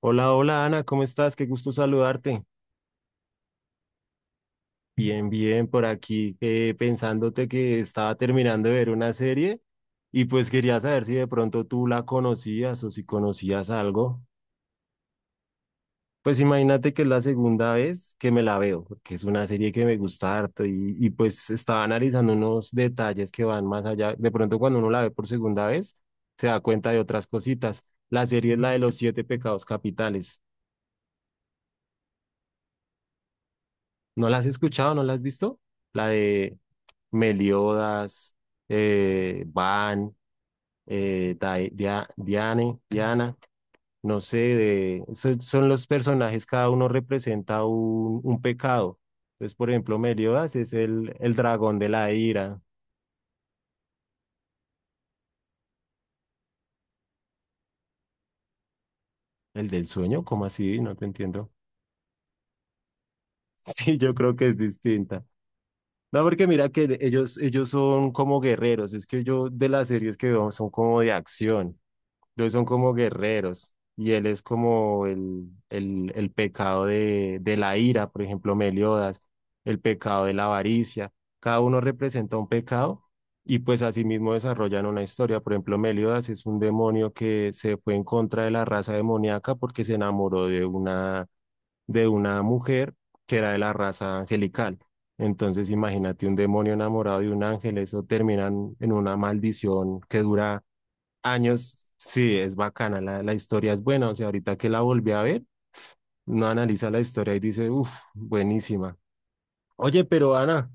Hola, hola Ana, ¿cómo estás? Qué gusto saludarte. Bien, bien, por aquí pensándote que estaba terminando de ver una serie y pues quería saber si de pronto tú la conocías o si conocías algo. Pues imagínate que es la segunda vez que me la veo, porque es una serie que me gusta harto y pues estaba analizando unos detalles que van más allá. De pronto cuando uno la ve por segunda vez, se da cuenta de otras cositas. La serie es la de los siete pecados capitales. ¿No la has escuchado? ¿No la has visto? La de... Meliodas, Van, Diane, Diana, no sé, son los personajes, cada uno representa un pecado. Entonces, por ejemplo, Meliodas es el dragón de la ira, el del sueño, ¿cómo así? No te entiendo. Sí, yo creo que es distinta. No, porque mira que ellos son como guerreros, es que yo de las series que veo son como de acción. Los son como guerreros y él es como el pecado de la ira, por ejemplo, Meliodas, el pecado de la avaricia. Cada uno representa un pecado y pues asimismo desarrollan una historia. Por ejemplo, Meliodas es un demonio que se fue en contra de la raza demoníaca porque se enamoró de una mujer que era de la raza angelical. Entonces, imagínate un demonio enamorado de un ángel, eso terminan en una maldición que dura años, sí, es bacana, la historia es buena, o sea, ahorita que la volví a ver, uno analiza la historia y dice, uff, buenísima. Oye, pero Ana,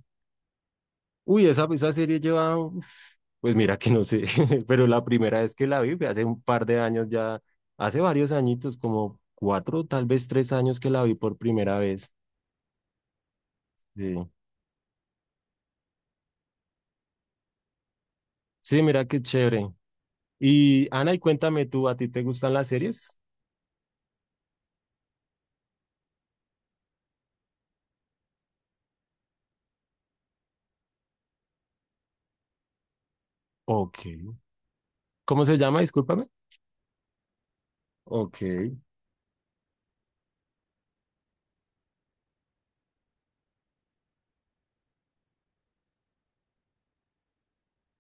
uy, esa serie lleva, uf, pues mira que no sé, pero la primera vez que la vi fue hace un par de años ya, hace varios añitos, como 4, tal vez 3 años que la vi por primera vez. Sí, sí, mira qué chévere. Y Ana, y cuéntame tú, ¿a ti te gustan las series? Ok. ¿Cómo se llama? Discúlpame. Ok.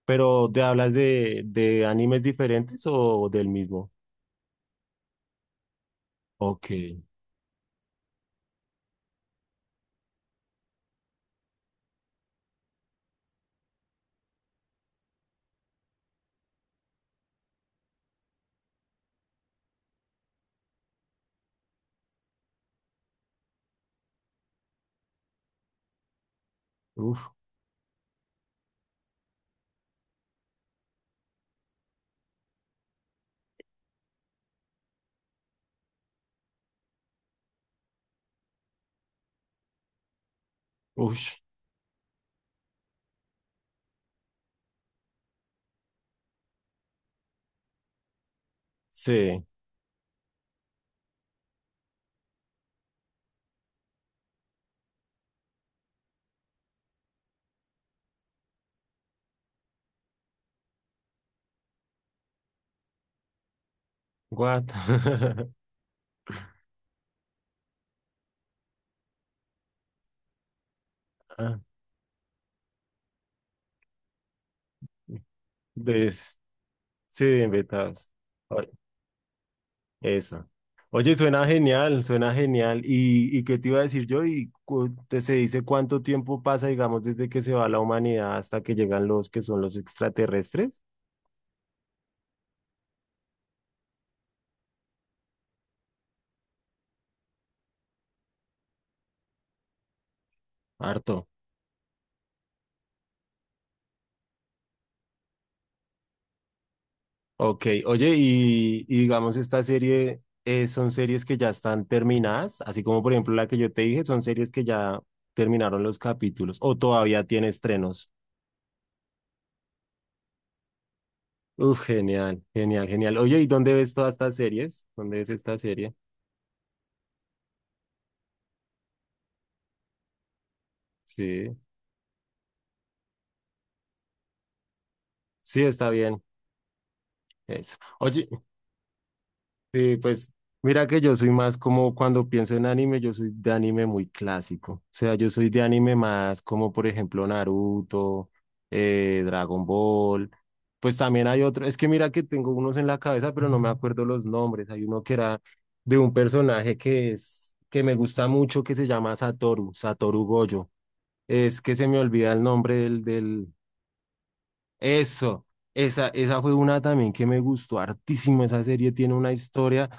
Pero ¿te hablas de animes diferentes o del mismo? Ok. Uf, ush. Sí. What? Ah, Des, sí, de invitados. Oye, eso. Oye, suena genial, suena genial. ¿Y qué te iba a decir yo? ¿Y se dice cuánto tiempo pasa, digamos, desde que se va la humanidad hasta que llegan los que son los extraterrestres? Harto. Ok, oye, y digamos, esta serie son series que ya están terminadas, así como por ejemplo la que yo te dije, son series que ya terminaron los capítulos o todavía tiene estrenos. Uf, genial, genial, genial. Oye, ¿y dónde ves todas estas series? ¿Dónde ves esta serie? Sí, sí, está bien. Eso. Oye, sí, pues mira que yo soy más como cuando pienso en anime, yo soy de anime muy clásico. O sea, yo soy de anime más como por ejemplo Naruto, Dragon Ball. Pues también hay otro, es que mira que tengo unos en la cabeza, pero no me acuerdo los nombres. Hay uno que era de un personaje que es que me gusta mucho que se llama Satoru Gojo. Es que se me olvida el nombre del... Eso, esa fue una también que me gustó hartísimo. Esa serie tiene una historia.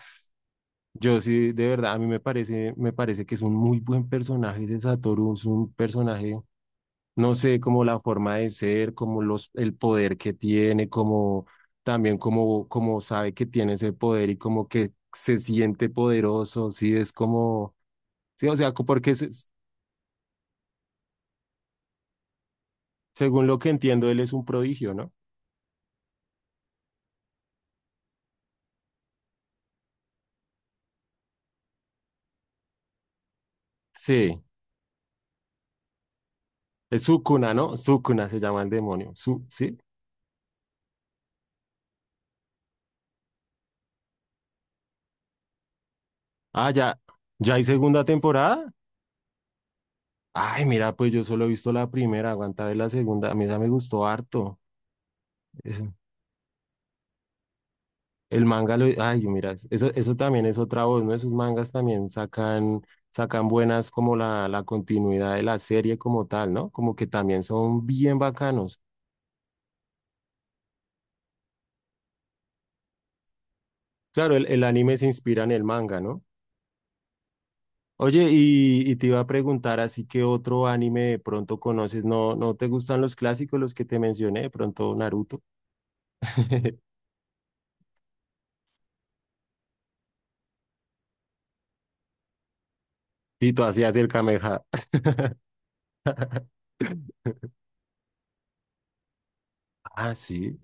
Yo sí, de verdad, a mí me parece que es un muy buen personaje ese Satoru, es un personaje, no sé, como la forma de ser, como el poder que tiene, como también como sabe que tiene ese poder y como que se siente poderoso, sí, es como, sí, o sea, porque según lo que entiendo, él es un prodigio, ¿no? Sí, es Sukuna, ¿no? Sukuna se llama el demonio, ¿sí? Ah, ya, ya hay segunda temporada. Ay, mira, pues yo solo he visto la primera, aguanta ver la segunda. A mí esa me gustó harto. Eso. El manga lo. Ay, mira, eso también es otra voz, ¿no? Esos mangas también sacan, sacan buenas como la continuidad de la serie como tal, ¿no? Como que también son bien bacanos. Claro, el anime se inspira en el manga, ¿no? Oye, y te iba a preguntar, así que otro anime de pronto conoces, ¿no, no te gustan los clásicos, los que te mencioné, de pronto Naruto? Y tú hacías el Kameha. Ah, sí.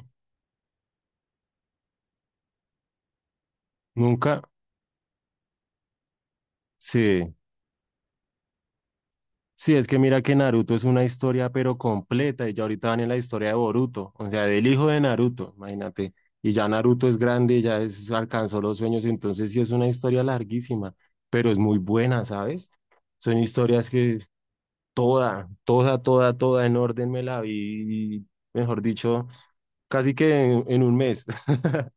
Nunca. Sí. Sí, es que mira que Naruto es una historia pero completa y ya ahorita van en la historia de Boruto, o sea, del hijo de Naruto, imagínate. Y ya Naruto es grande, ya es, alcanzó los sueños, entonces sí es una historia larguísima, pero es muy buena, ¿sabes? Son historias que toda, toda, toda, toda en orden me la vi, mejor dicho, casi que en un mes.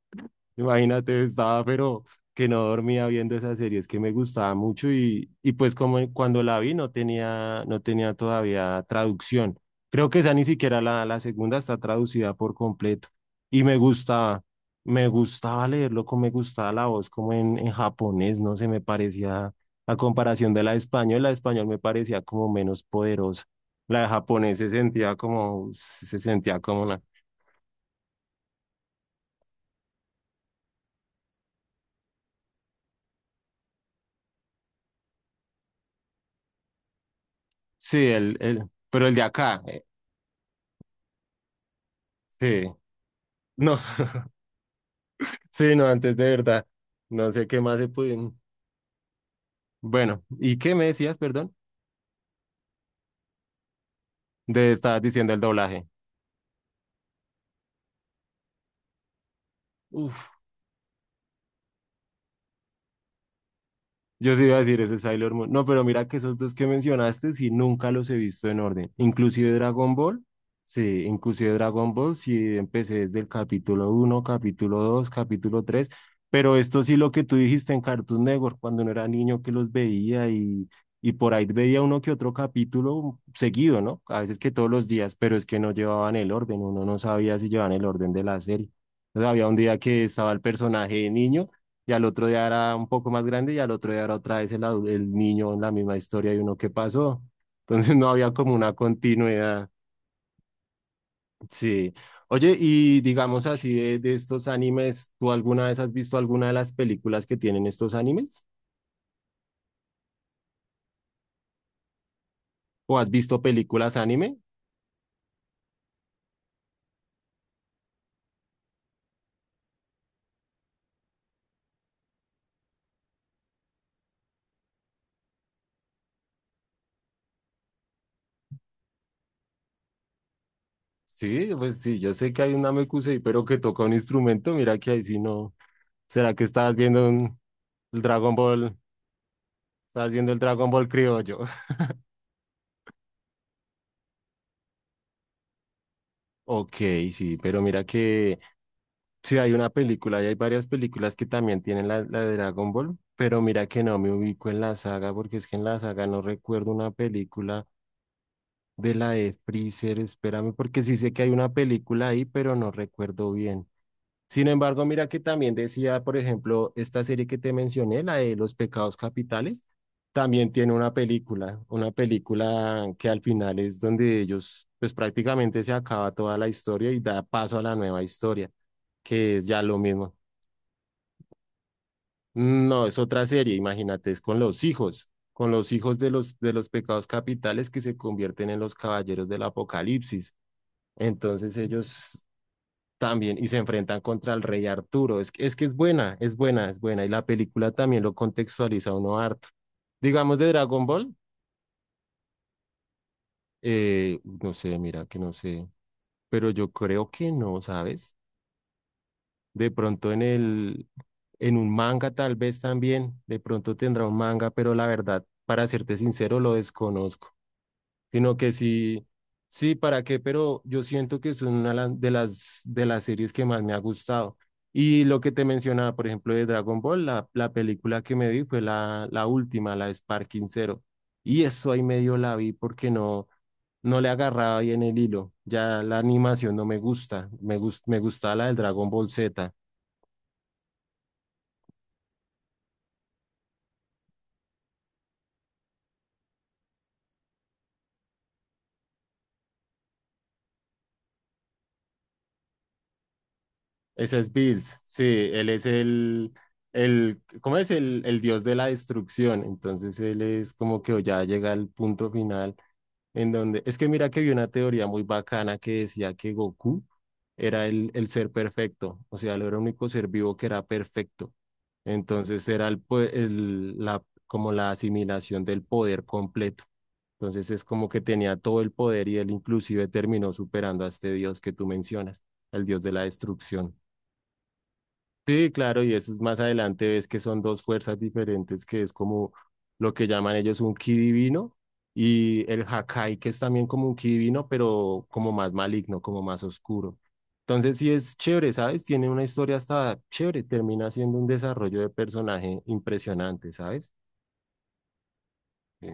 Imagínate, estaba, pero que no dormía viendo esa serie, es que me gustaba mucho y pues como cuando la vi no tenía todavía traducción. Creo que esa ni siquiera la segunda está traducida por completo. Y me gustaba leerlo, como me gustaba la voz, como en japonés, no sé, me parecía, a comparación de la de español me parecía como menos poderosa. La de japonés se sentía como una, sí, pero el de acá, sí. No, sí, no, antes de verdad. No sé qué más se pueden. Bueno, ¿y qué me decías, perdón? De estar diciendo el doblaje. Uf. Yo sí iba a decir ese es Sailor Moon. No, pero mira que esos dos que mencionaste, sí, nunca los he visto en orden. Inclusive Dragon Ball, sí, inclusive Dragon Ball, sí, empecé desde el capítulo uno capítulo 2 capítulo 3 pero esto sí lo que tú dijiste en Cartoon Network, cuando no era niño que los veía y por ahí veía uno que otro capítulo seguido, ¿no? A veces que todos los días, pero es que no llevaban el orden, uno no sabía si llevaban el orden de la serie. Entonces, había un día que estaba el personaje de niño y al otro día era un poco más grande y al otro día era otra vez el niño, la misma historia y uno, ¿qué pasó? Entonces no había como una continuidad. Sí. Oye, y digamos así de estos animes, ¿tú alguna vez has visto alguna de las películas que tienen estos animes? ¿O has visto películas anime? Sí, pues sí, yo sé que hay un Namekusei, pero que toca un instrumento, mira que ahí sí no. ¿Será que estabas viendo el Dragon Ball? Estabas viendo el Dragon Ball criollo. Ok, sí, pero mira que sí, hay una película y hay varias películas que también tienen la de Dragon Ball, pero mira que no me ubico en la saga porque es que en la saga no recuerdo una película de la de Freezer, espérame, porque sí sé que hay una película ahí, pero no recuerdo bien. Sin embargo, mira que también decía, por ejemplo, esta serie que te mencioné, la de Los Pecados Capitales, también tiene una película que al final es donde ellos, pues prácticamente se acaba toda la historia y da paso a la nueva historia, que es ya lo mismo. No, es otra serie, imagínate, es con los hijos de los pecados capitales que se convierten en los caballeros del Apocalipsis. Entonces ellos también y se enfrentan contra el rey Arturo. Es que es buena, es buena, es buena. Y la película también lo contextualiza a uno harto. Digamos de Dragon Ball, no sé, mira que no sé, pero yo creo que no, ¿sabes? De pronto en un manga tal vez también, de pronto tendrá un manga, pero la verdad, para serte sincero, lo desconozco. Sino que sí, sí, ¿para qué? Pero yo siento que es una de las series que más me ha gustado. Y lo que te mencionaba, por ejemplo, de Dragon Ball, la película que me vi fue la última, la de Sparking Zero. Y eso ahí medio la vi porque no, no le agarraba bien el hilo. Ya la animación no me gusta, me gustaba la del Dragon Ball Z. Ese es Bills, sí, él es el ¿cómo es? El dios de la destrucción. Entonces él es como que ya llega al punto final en donde, es que mira que vi una teoría muy bacana que decía que Goku era el ser perfecto, o sea, él era el único ser vivo que era perfecto. Entonces era el, po- el- la, como la asimilación del poder completo. Entonces es como que tenía todo el poder y él inclusive terminó superando a este dios que tú mencionas, el dios de la destrucción. Sí, claro, y eso es más adelante, ves que son dos fuerzas diferentes, que es como lo que llaman ellos un ki divino y el Hakai, que es también como un ki divino, pero como más maligno, como más oscuro. Entonces sí es chévere, ¿sabes? Tiene una historia hasta chévere, termina siendo un desarrollo de personaje impresionante, ¿sabes? Sí,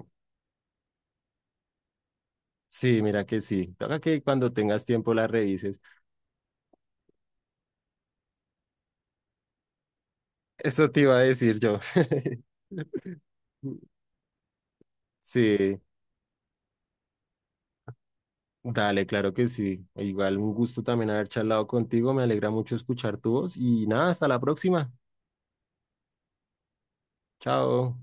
sí, mira que sí. Toca que cuando tengas tiempo la revises. Eso te iba a decir yo. Sí. Dale, claro que sí. Igual un gusto también haber charlado contigo. Me alegra mucho escuchar tu voz y nada, hasta la próxima. Chao.